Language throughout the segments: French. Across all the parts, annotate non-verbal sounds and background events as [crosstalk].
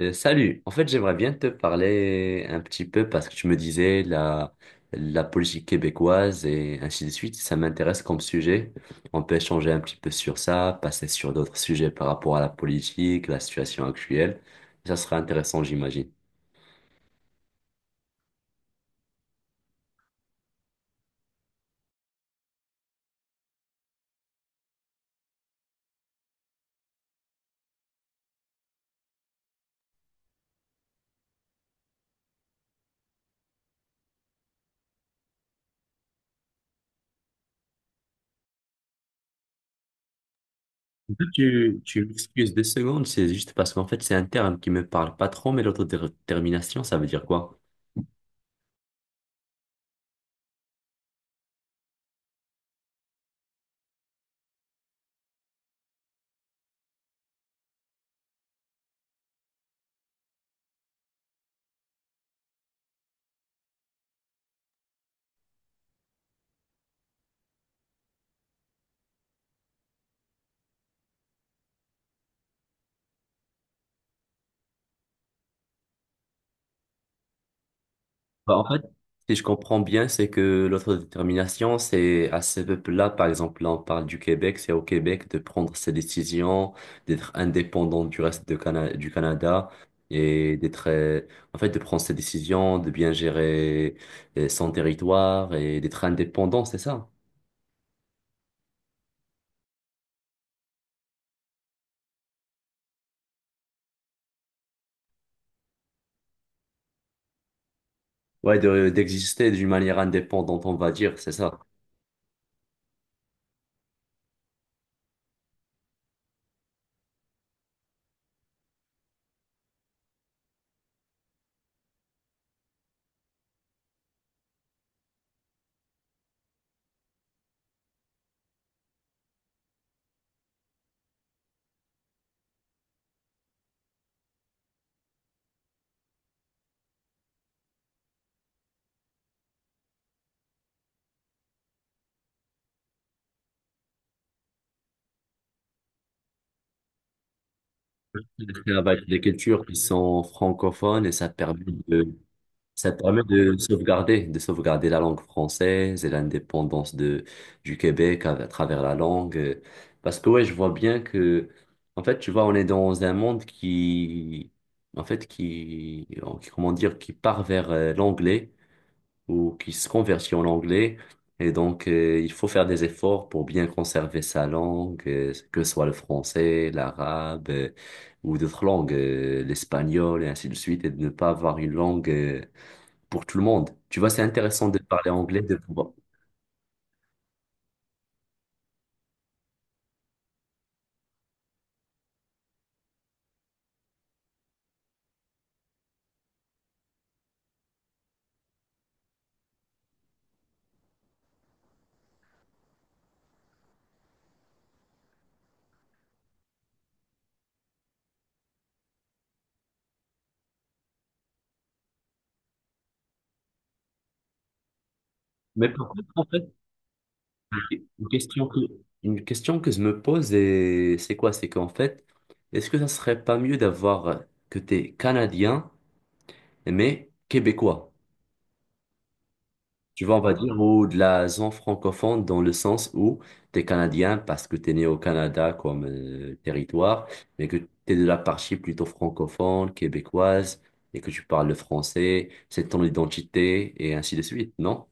Salut, en fait j'aimerais bien te parler un petit peu parce que tu me disais la politique québécoise et ainsi de suite, ça m'intéresse comme sujet. On peut échanger un petit peu sur ça, passer sur d'autres sujets par rapport à la politique, la situation actuelle. Ça serait intéressant, j'imagine. Tu m'excuses deux secondes, c'est juste parce qu'en fait c'est un terme qui me parle pas trop, mais l'autodétermination, ça veut dire quoi? Bah, en fait, si je comprends bien, c'est que l'autodétermination, c'est à ce peuple-là, par exemple, là, on parle du Québec, c'est au Québec de prendre ses décisions, d'être indépendant du reste de du Canada et d'être, en fait, de prendre ses décisions, de bien gérer son territoire et d'être indépendant, c'est ça? Ouais, d'exister d'une manière indépendante, on va dire, c'est ça. Après, avec des cultures qui sont francophones et ça permet de. Ça permet de sauvegarder la langue française et l'indépendance de, du Québec à travers la langue. Parce que ouais, je vois bien que, en fait, tu vois, on est dans un monde en fait, qui, qui comment dire, qui part vers l'anglais ou qui se convertit en anglais. Et donc, il faut faire des efforts pour bien conserver sa langue, que ce soit le français, l'arabe, ou d'autres langues, l'espagnol et ainsi de suite, et de ne pas avoir une langue pour tout le monde. Tu vois, c'est intéressant de parler anglais, de pouvoir. Mais par contre, en fait, une question que, une question que je me pose, et c'est quoi? C'est qu'en fait, est-ce que ça serait pas mieux d'avoir que t'es Canadien, mais Québécois? Tu vois, on va dire, ou de la zone francophone dans le sens où t'es Canadien parce que t'es né au Canada comme territoire, mais que t'es de la partie plutôt francophone, québécoise, et que tu parles le français, c'est ton identité, et ainsi de suite, non?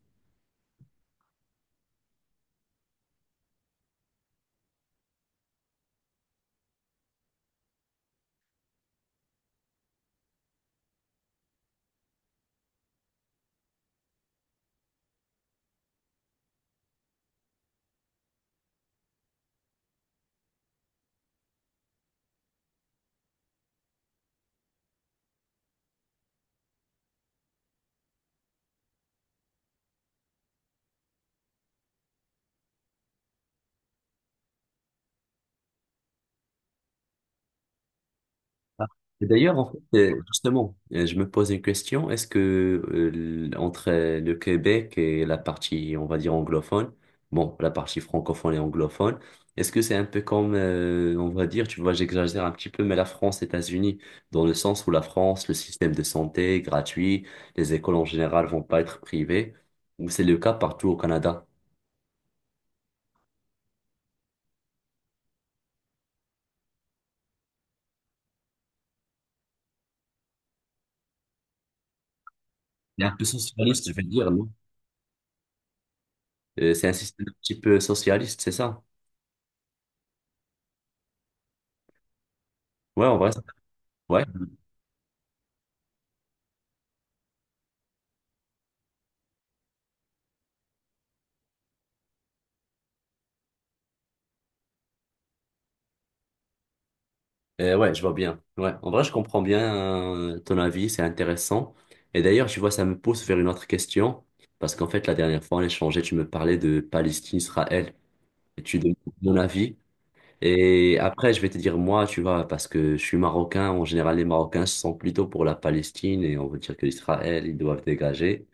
Ah. Et d'ailleurs, en fait, justement, je me pose une question. Est-ce que euh, entre le Québec et la partie, on va dire, anglophone, bon, la partie francophone et anglophone, est-ce que c'est un peu comme, on va dire, tu vois, j'exagère un petit peu, mais la France, États-Unis, dans le sens où la France, le système de santé est gratuit, les écoles en général vont pas être privées, ou c'est le cas partout au Canada? C'est un peu socialiste, je veux dire, non? C'est un système un petit peu socialiste, c'est ça? Ouais, en vrai, ça- ouais. Ouais, je vois bien. Ouais, en vrai, je comprends bien ton avis, c'est intéressant. Et d'ailleurs, tu vois, ça me pousse vers une autre question, parce qu'en fait, la dernière fois, on échangeait, tu me parlais de Palestine, Israël, et tu donnes mon avis. Et après, je vais te dire moi, tu vois, parce que je suis marocain, en général, les Marocains se sont plutôt pour la Palestine, et on veut dire que l'Israël, ils doivent dégager.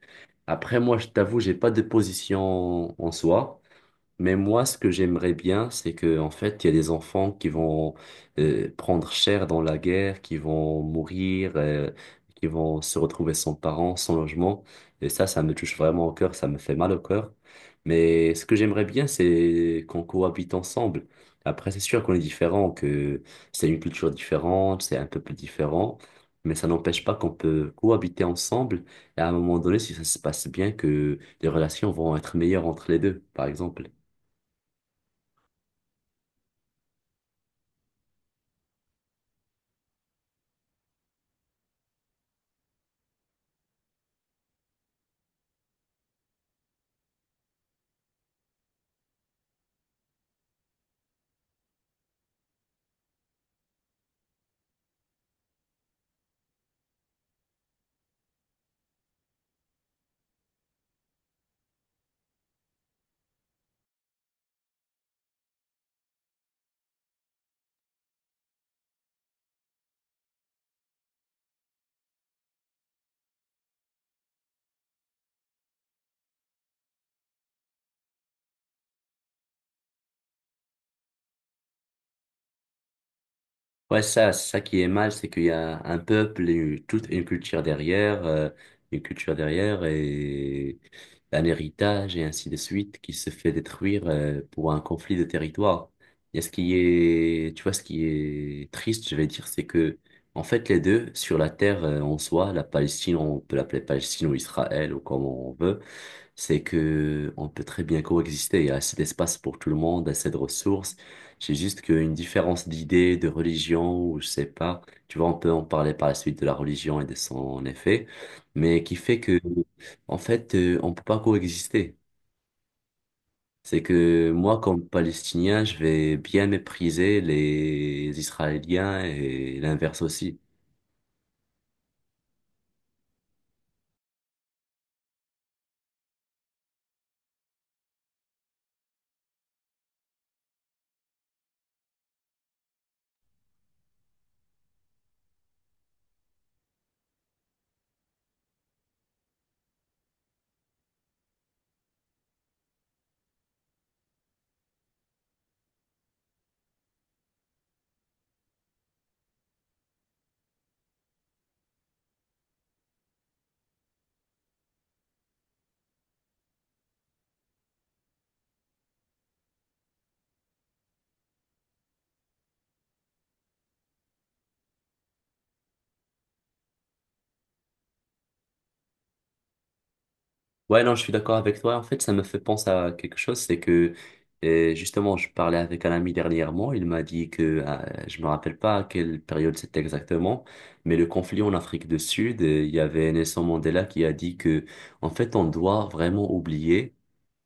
Après, moi, je t'avoue, j'ai pas de position en soi. Mais moi, ce que j'aimerais bien, c'est que en fait, il y a des enfants qui vont prendre cher dans la guerre, qui vont mourir, qui vont se retrouver sans parents, sans logement. Et ça me touche vraiment au cœur, ça me fait mal au cœur. Mais ce que j'aimerais bien, c'est qu'on cohabite ensemble. Après, c'est sûr qu'on est différents, que c'est une culture différente, c'est un peuple différent, mais ça n'empêche pas qu'on peut cohabiter ensemble. Et à un moment donné, si ça se passe bien, que les relations vont être meilleures entre les deux, par exemple. Ouais, ça, c'est ça qui est mal, c'est qu'il y a un peuple et une- toute une culture derrière et un héritage et ainsi de suite qui se fait détruire, pour un conflit de territoire. Et ce qui est, tu vois, ce qui est triste, je vais dire, c'est que, en fait, les deux, sur la terre, en soi, la Palestine, on peut l'appeler Palestine ou Israël ou comme on veut, c'est que on peut très bien coexister. Il y a assez d'espace pour tout le monde, assez de ressources. C'est juste qu'une différence d'idées, de religion, ou je sais pas, tu vois, on peut en parler par la suite de la religion et de son effet, mais qui fait que, en fait, on peut pas coexister. C'est que moi, comme Palestinien, je vais bien mépriser les Israéliens et l'inverse aussi. Ouais, non, je suis d'accord avec toi. En fait, ça me fait penser à quelque chose, c'est que justement, je parlais avec un ami dernièrement. Il m'a dit que je me rappelle pas à quelle période c'était exactement, mais le conflit en Afrique du Sud, il y avait Nelson Mandela qui a dit que en fait, on doit vraiment oublier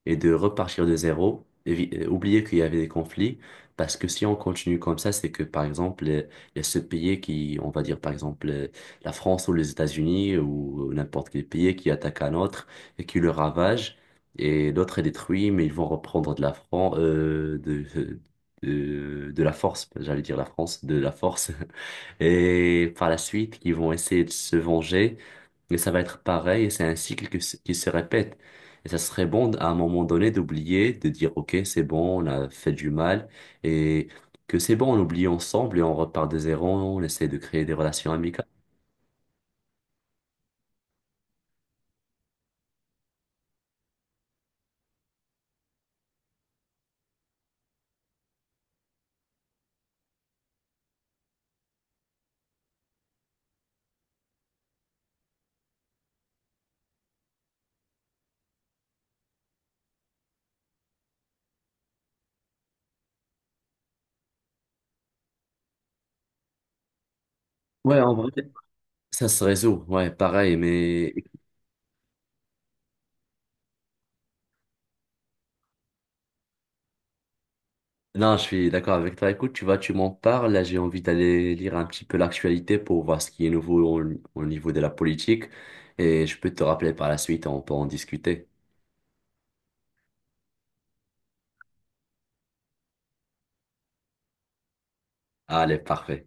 et de repartir de zéro, oublier qu'il y avait des conflits, parce que si on continue comme ça, c'est que, par exemple, il y a ce pays qui, on va dire, par exemple, la France ou les États-Unis ou n'importe quel pays qui attaque un autre et qui le ravage, et l'autre est détruit, mais ils vont reprendre de la France, de la force, j'allais dire la France, de la force, [laughs] et par la suite, ils vont essayer de se venger. Et ça va être pareil, et c'est un cycle qui se répète. Et ça serait bon à un moment donné d'oublier, de dire, OK, c'est bon, on a fait du mal, et que c'est bon, on oublie ensemble et on repart de zéro, on essaie de créer des relations amicales. Ouais, en vrai. Ça se résout, ouais, pareil, mais non, je suis d'accord avec toi. Écoute, tu vois, tu m'en parles, là, j'ai envie d'aller lire un petit peu l'actualité pour voir ce qui est nouveau au, au niveau de la politique, et je peux te rappeler par la suite, on peut en discuter. Allez, parfait.